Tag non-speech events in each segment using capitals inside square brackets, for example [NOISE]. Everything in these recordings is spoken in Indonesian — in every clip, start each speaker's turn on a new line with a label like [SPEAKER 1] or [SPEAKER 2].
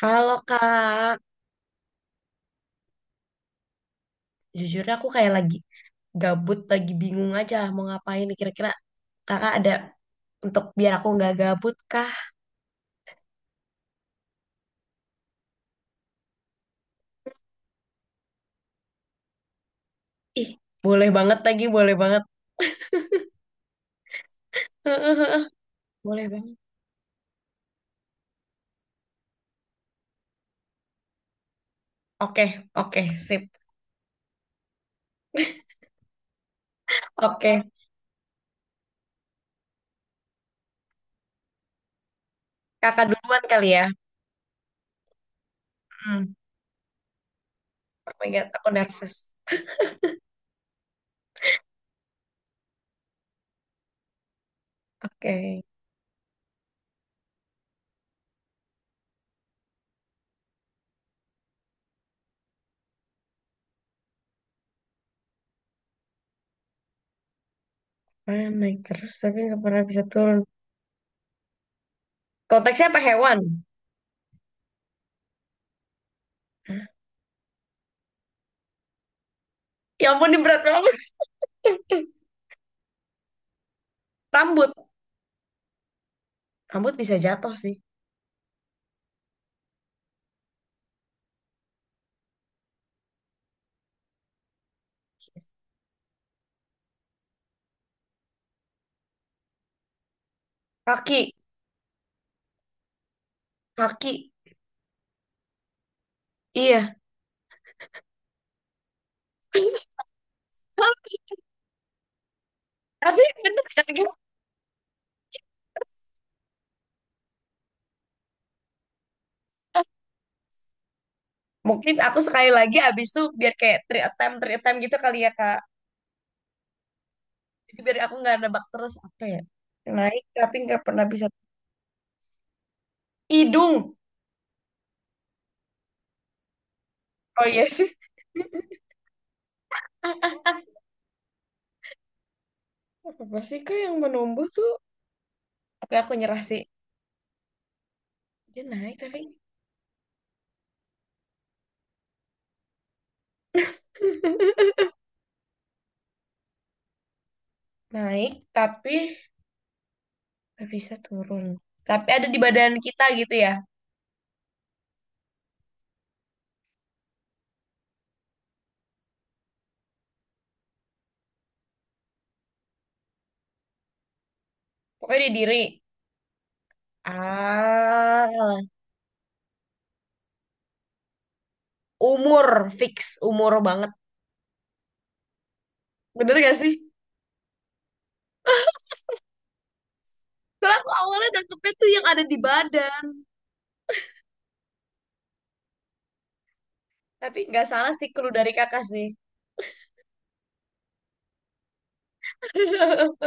[SPEAKER 1] Halo Kak, jujurnya aku kayak lagi gabut, lagi bingung aja mau ngapain nih. Kira-kira Kakak ada untuk biar aku nggak gabut kah? Ih, boleh banget lagi, boleh banget. [LAUGHS] Boleh banget. Oke, oke, sip. Oke, Kakak duluan kali ya. Hmm. Oh my God, aku nervous. Oke, mana naik terus tapi nggak pernah bisa turun? Konteksnya apa hewan? Hah? Ya ampun, ini berat banget. Rambut. Rambut bisa jatuh sih. Kaki, kaki. Iya. [LAUGHS] Tapi bener kan gitu. Mungkin aku sekali lagi abis itu biar kayak three attempt gitu kali ya Kak. Jadi biar aku nggak nebak terus apa ya. Naik tapi nggak pernah bisa. Hidung. Oh iya sih. Apa sih Kak yang menumbuh tuh? Oke aku nyerah sih. Dia naik tapi. [LAUGHS] Naik tapi nggak bisa turun. Tapi ada di badan kita gitu ya. Pokoknya di diri. Ah, umur fix, umur banget. Bener gak sih? Soalnya aku awalnya nangkepnya tuh yang ada di badan. Tapi nggak salah sih clue dari kakak sih. [LAUGHS]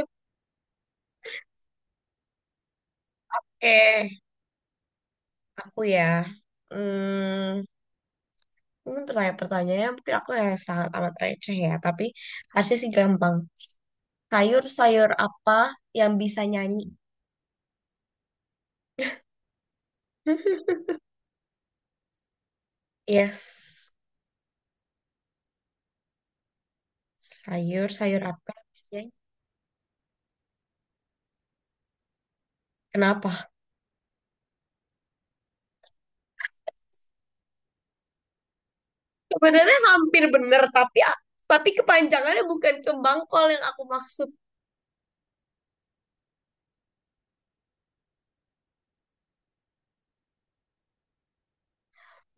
[SPEAKER 1] Oke, aku ya. Hmm, mungkin pertanyaan-pertanyaannya mungkin aku ya sangat amat receh ya. Tapi harusnya sih gampang. Sayur sayur apa yang bisa nyanyi? [LAUGHS] Yes. Sayur sayur apa yang bisa nyanyi? Kenapa? Sebenarnya hampir bener, tapi kepanjangannya bukan kembang kol yang aku maksud.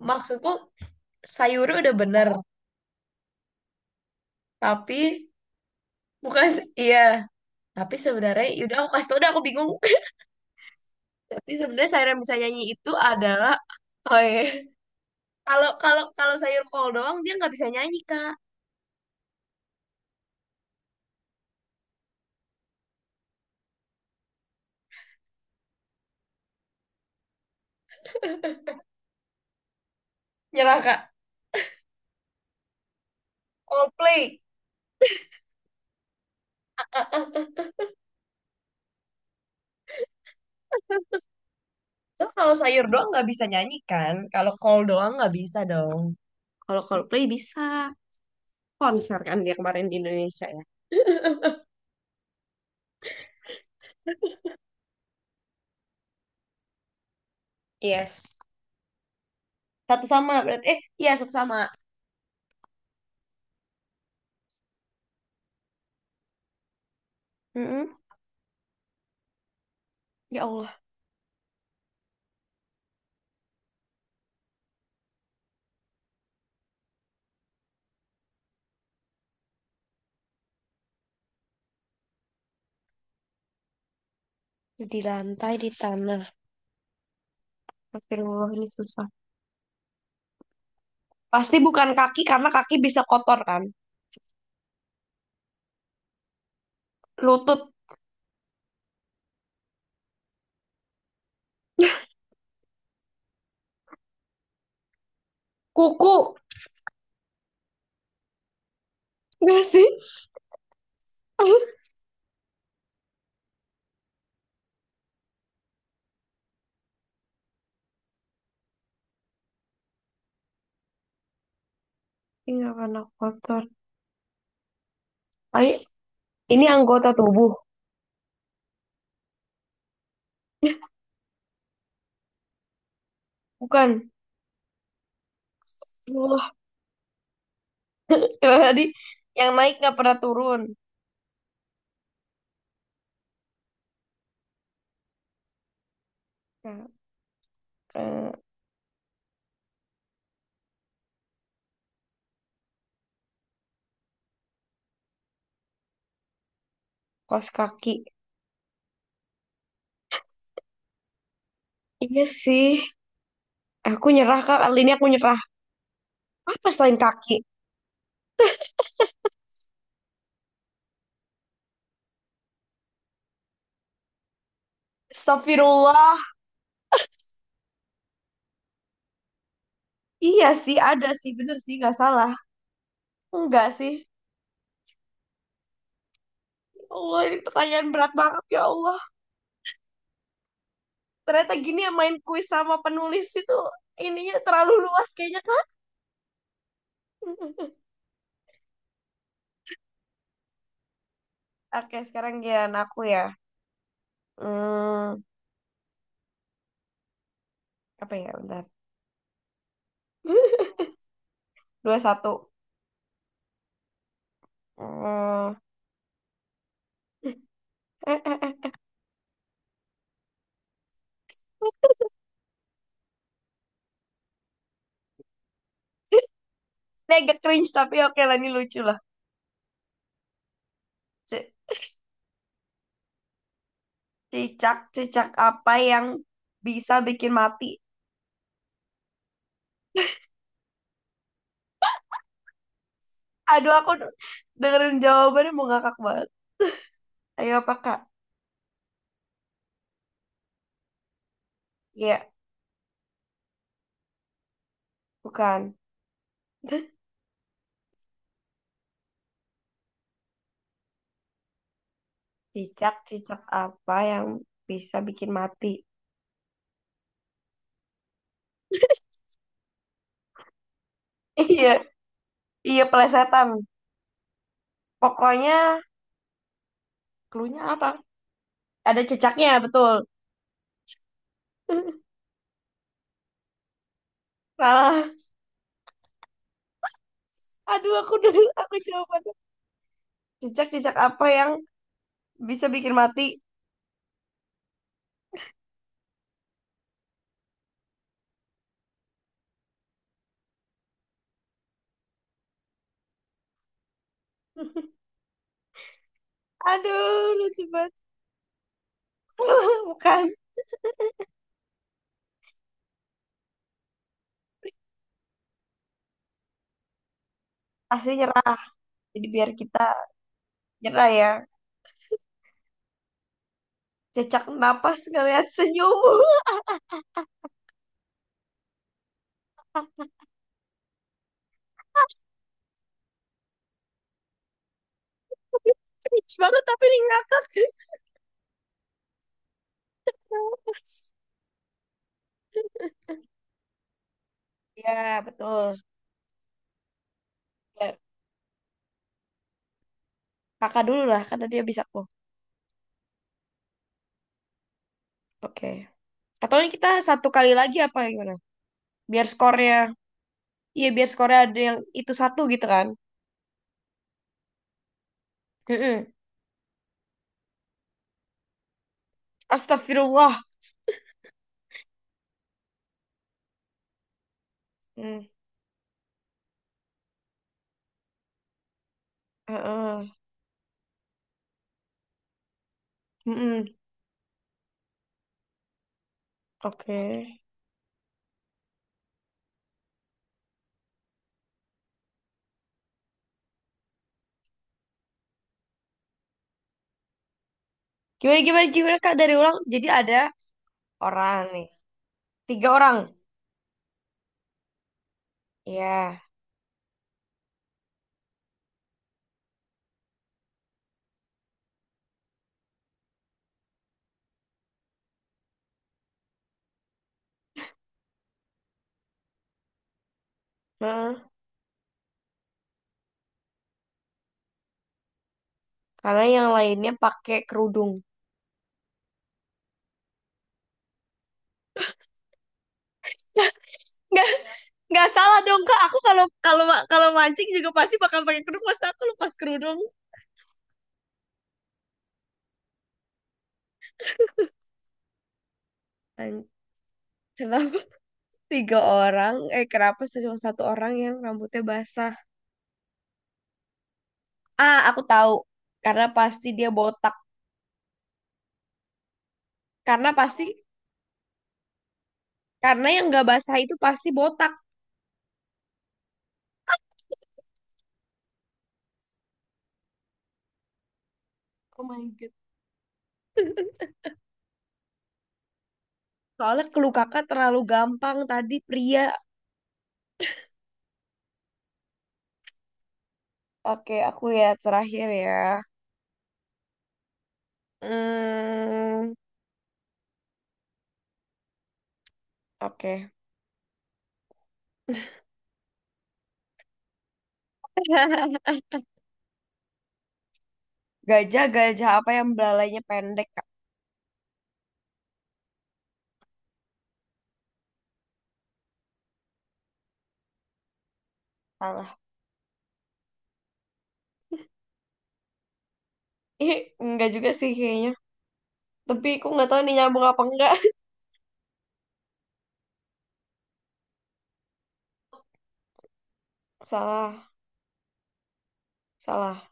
[SPEAKER 1] Maksudku sayurnya udah bener, tapi bukan iya. Tapi sebenarnya, yaudah aku kasih tau, udah aku bingung. Tapi sebenarnya sayur yang bisa nyanyi itu adalah oh iya. Kalau kalau kalau sayur kol doang dia nggak bisa nyanyi Kak. Nyerah Kak. Coldplay. So kalau sayur doang nggak bisa nyanyi kan? Kalau kol doang nggak bisa dong. Kalau Coldplay bisa konser kan dia kemarin di Indonesia ya. Yes. Satu sama berarti. Eh, iya satu sama. Mm-mm. Ya Allah, di lantai di tanah. Astagfirullah ini susah. Pasti bukan kaki karena kaki bisa kotor kan. Lutut, kuku. Enggak sih? Iya karena kotor. Tapi ini anggota tubuh, bukan. Wah, [LAUGHS] tadi yang naik nggak pernah turun. Nah, eh, kos kaki. Iya sih. Aku nyerah kak, kali ini aku nyerah. Apa selain kaki? Astagfirullah. Iya sih, ada sih. Bener sih, nggak salah. Enggak sih. Ya Allah, ini pertanyaan berat banget ya Allah. Ternyata gini ya main kuis sama penulis itu. Ininya terlalu luas kayaknya kan. [LAUGHS] Oke, sekarang giliran aku ya. Hmm, apa ya, bentar. [LAUGHS] Dua satu. Hmm. Eh, eh, eh. Ini agak cringe tapi oke lah ini lucu lah. C- Cicak-cicak apa yang bisa bikin mati? Aduh aku dengerin jawabannya mau ngakak banget. Ayo apa kak? Iya, bukan. [LAUGHS] Cicak-cicak apa yang bisa bikin mati? [LAUGHS] Iya, iya pelesetan. Pokoknya cluenya apa? Ada cicaknya, betul. [LAUGHS] Salah. Aduh aku denger aku jawabannya. Cicak-cicak apa yang bisa bikin mati? [LAUGHS] Aduh, lucu banget. [LAUGHS] Bukan, pasti nyerah. Jadi biar kita nyerah ya. Cecak napas ngeliat senyummu. [LAUGHS] Cringe banget tapi ini ngakak. [LAUGHS] Ya, betul. Ya, kakak dulu lah, kan tadi habis aku. Oke. Atau ini kita satu kali lagi apa gimana? Biar skornya, iya biar skornya ada yang itu satu gitu kan. Mm-mm. Astagfirullah. Mm. Heeh. Mm-mm. Oke. Gimana Kak dari ulang? Jadi ada orang nih. Tiga orang. Ya. Heeh. Karena yang lainnya pakai kerudung. Nggak, nggak salah dong kak. Aku kalau kalau kalau mancing juga pasti bakal pakai kerudung. Masa aku lepas kerudung? An- Kenapa tiga orang, eh kenapa cuma satu orang yang rambutnya basah? Ah, aku tahu. Karena pasti dia botak. Karena pasti, karena yang nggak basah itu pasti botak. Oh my God. Soalnya kelu kakak terlalu gampang tadi pria. Oke, aku ya terakhir ya. Hmm, oke. [LAUGHS] Gajah, gajah apa yang belalainya pendek, Kak? Salah. Ih, enggak juga sih kayaknya. Tapi aku nggak tahu nih nyambung apa enggak. [LAUGHS] Salah, salah.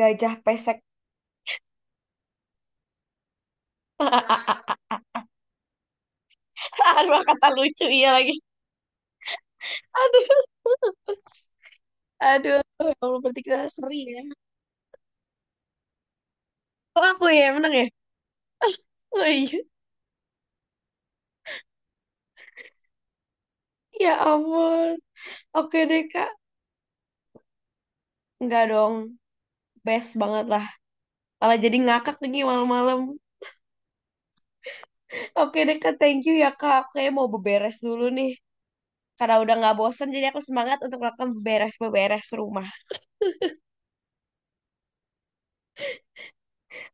[SPEAKER 1] Gajah pesek. [LAUGHS] Aduh kata lucu iya lagi. Aduh, aduh. Ya Allah, berarti kita seri ya. Oh, aku ya yang menang ya? Oh iya. Ya ampun. Oke deh, Kak. Enggak dong. Best banget lah. Malah jadi ngakak lagi malam-malam. Oke deh, Kak. Thank you ya, Kak. Aku kayaknya mau beberes dulu nih. Karena udah nggak bosen, jadi aku semangat untuk melakukan beres-beres rumah.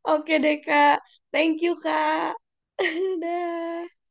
[SPEAKER 1] Oke deh, Kak. Thank you, Kak. [LAUGHS] Dadah.